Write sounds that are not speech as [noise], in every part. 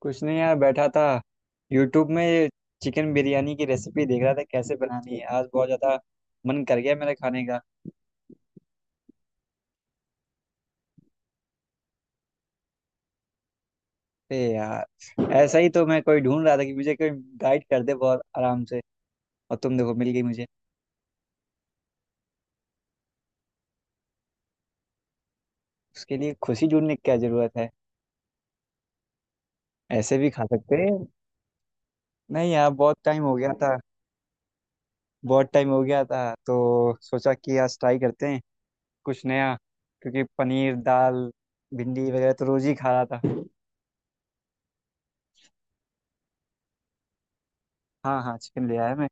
कुछ नहीं यार बैठा था। यूट्यूब में ये चिकन बिरयानी की रेसिपी देख रहा था कैसे बनानी है। आज बहुत ज्यादा मन कर गया मेरा खाने का। ए यार ऐसा ही तो मैं कोई ढूंढ रहा था कि मुझे कोई गाइड कर दे बहुत आराम से। और तुम देखो मिल गई मुझे। उसके लिए खुशी ढूंढने की क्या जरूरत है। ऐसे भी खा सकते हैं। नहीं यार बहुत टाइम हो गया था। बहुत टाइम हो गया था तो सोचा कि आज ट्राई करते हैं कुछ नया क्योंकि पनीर दाल भिंडी वगैरह तो रोज ही खा रहा था। हाँ हाँ चिकन ले आया मैं।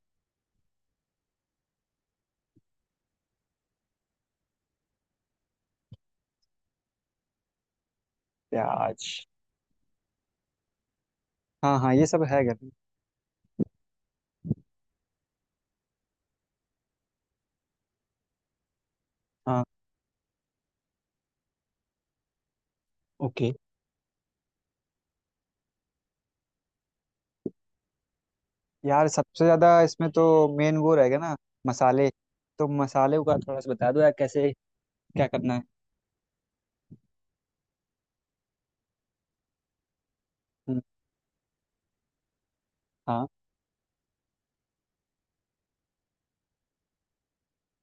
प्याज। हाँ हाँ ये सब है घर में। हाँ। ओके। यार सबसे ज्यादा इसमें तो मेन वो रहेगा ना, मसाले। तो मसाले का थोड़ा सा बता दो यार कैसे क्या करना है। हम्म। हाँ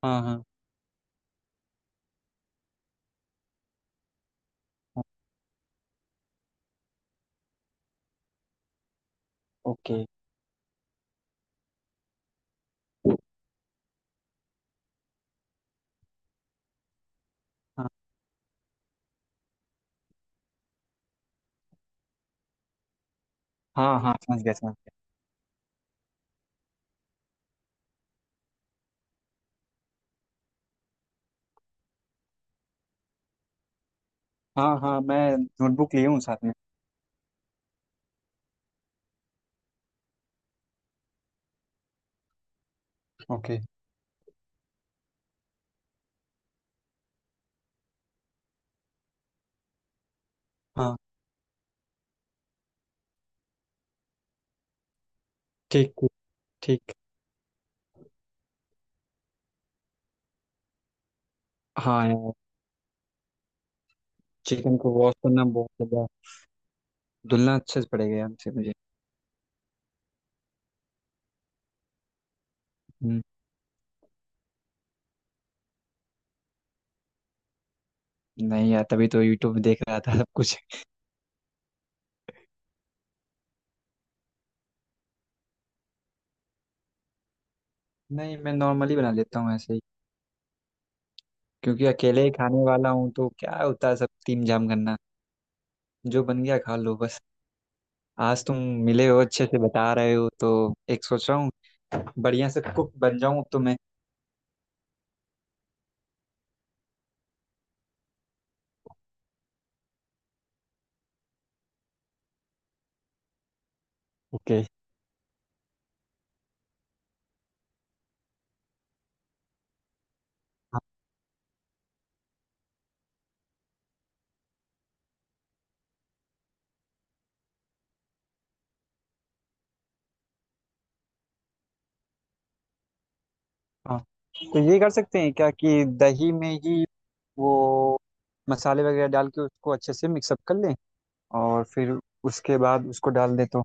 हाँ हाँ। हाँ। ओके। हाँ हाँ हाँ समझ गया समझ गया। हाँ हाँ मैं नोटबुक लिए हूँ साथ में। ओके। हाँ। ठीक ठीक। ठीक। हाँ यार चिकन को वॉश करना बहुत ज़्यादा धुलना अच्छे से पड़ेगा यार मुझे मुझे हम्म। नहीं यार तभी तो यूट्यूब में देख रहा था सब कुछ। नहीं मैं नॉर्मली बना लेता हूँ ऐसे ही क्योंकि अकेले ही खाने वाला हूँ तो क्या होता है सब तीम जाम करना। जो बन गया खा लो बस। आज तुम मिले हो अच्छे से बता रहे हो तो एक सोच रहा हूँ बढ़िया से कुक बन जाऊं अब तो मैं। ओके। हाँ हाँ। तो ये कर सकते हैं क्या कि दही में ही वो मसाले वगैरह डाल के उसको अच्छे से मिक्सअप कर लें और फिर उसके बाद उसको डाल दें तो।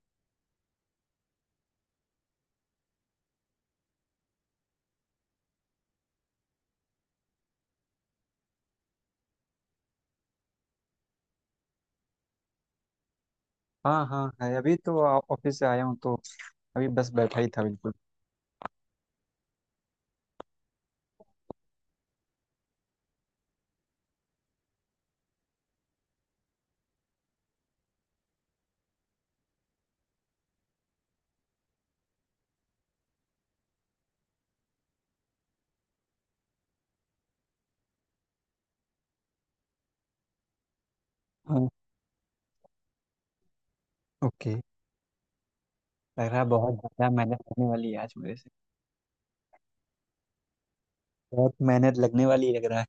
हाँ हाँ है अभी तो ऑफिस से आया हूँ तो अभी बस बैठा ही था बिल्कुल। हाँ। ओके। लग रहा है बहुत ज़्यादा मेहनत होने वाली है आज मेरे से। बहुत मेहनत लगने वाली लग रहा है।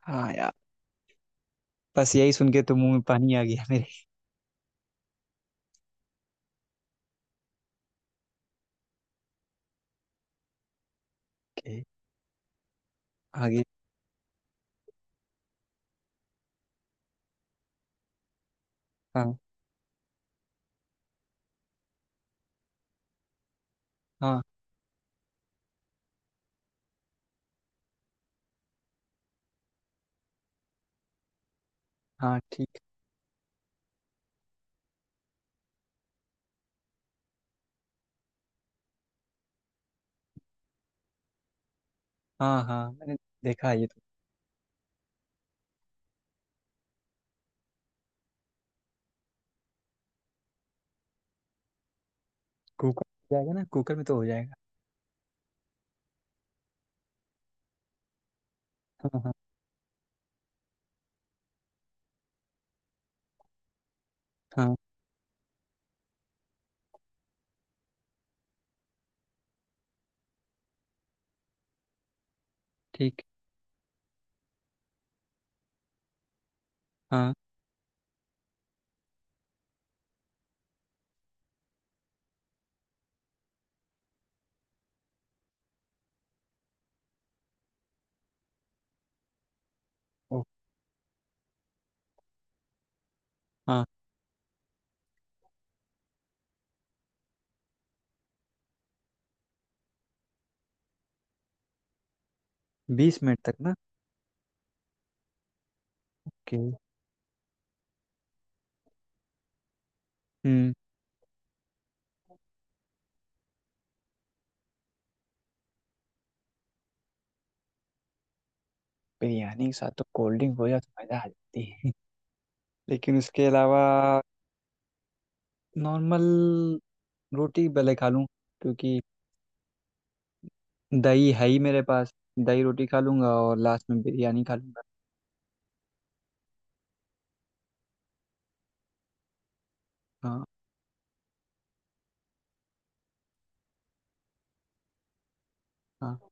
हाँ यार बस यही सुन के तो मुंह में पानी आ गया मेरे। के आगे। हाँ हाँ। हाँ ठीक। हाँ हाँ मैंने देखा है ये तो। कुकर हो जाएगा ना कुकर में तो हो जाएगा। हाँ हाँ हाँ। ठीक। हाँ। ओ। हाँ। 20 मिनट तक ना। के हम्म। बिरयानी के साथ तो कोल्ड ड्रिंक हो जाए तो मज़ा आ जाती है। [laughs] लेकिन उसके अलावा नॉर्मल रोटी भले खा लूँ क्योंकि दही है ही मेरे पास। दही रोटी खा लूँगा और लास्ट में बिरयानी खा लूँगा। हाँ। हाँ।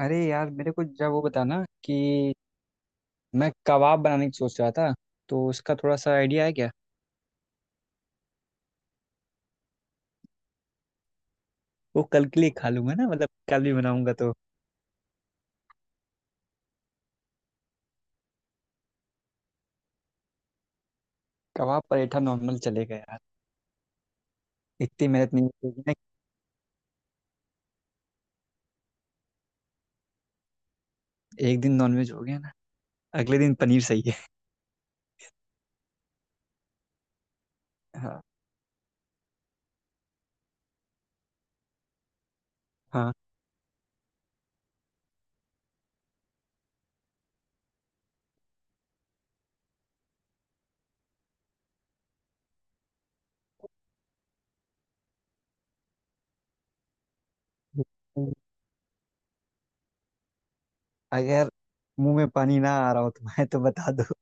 अरे यार मेरे को जब वो बताना कि मैं कबाब बनाने की सोच रहा था तो उसका थोड़ा सा आइडिया है क्या। वो कल के लिए खा लूंगा ना मतलब कल भी बनाऊंगा तो। कबाब पराठा नॉर्मल चलेगा यार। इतनी मेहनत नहीं होगी ना। एक दिन नॉनवेज हो गया ना अगले दिन पनीर सही है। हाँ। हाँ। [laughs] अगर मुंह में पानी ना आ रहा हो तुम्हारे तो बता दो।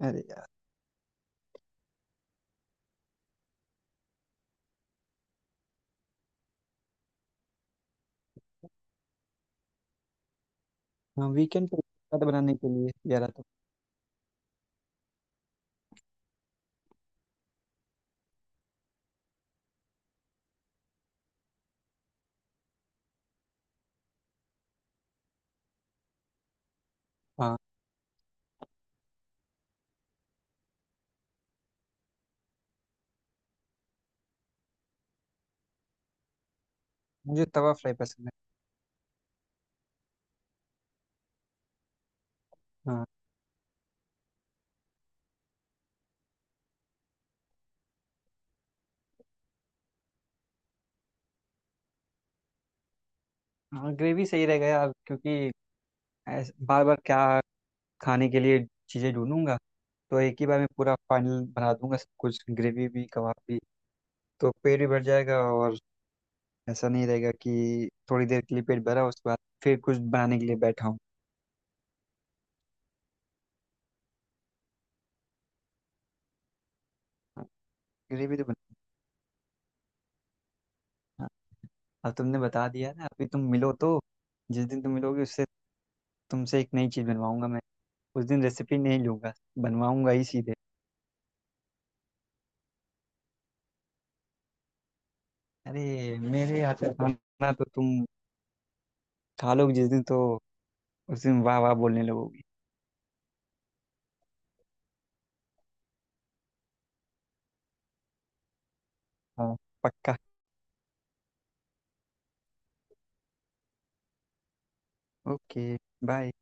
अरे यार। हाँ वीकेंड पे खाना बनाने के लिए यार तो। हाँ। मुझे तवा फ्राई पसंद है। हाँ। हाँ ग्रेवी सही रहेगा यार क्योंकि बार बार क्या खाने के लिए चीज़ें ढूंढूंगा तो एक ही बार में पूरा फाइनल बना दूंगा सब कुछ ग्रेवी भी कबाब भी। तो पेट भी भर जाएगा और ऐसा नहीं रहेगा कि थोड़ी देर के लिए पेट भरा उसके बाद फिर कुछ बनाने के लिए बैठा हूँ। हाँ। ग्रेवी तो बना। हाँ अब तुमने बता दिया ना अभी तुम मिलो तो जिस दिन तुम मिलोगे उससे तुमसे एक नई चीज़ बनवाऊंगा मैं। उस दिन रेसिपी नहीं लूंगा बनवाऊंगा ही सीधे। अरे मेरे हाथ का खाना तो तुम खा लोगे जिस दिन तो उस दिन वाह वाह बोलने लगोगी। हाँ पक्का। Okay bye.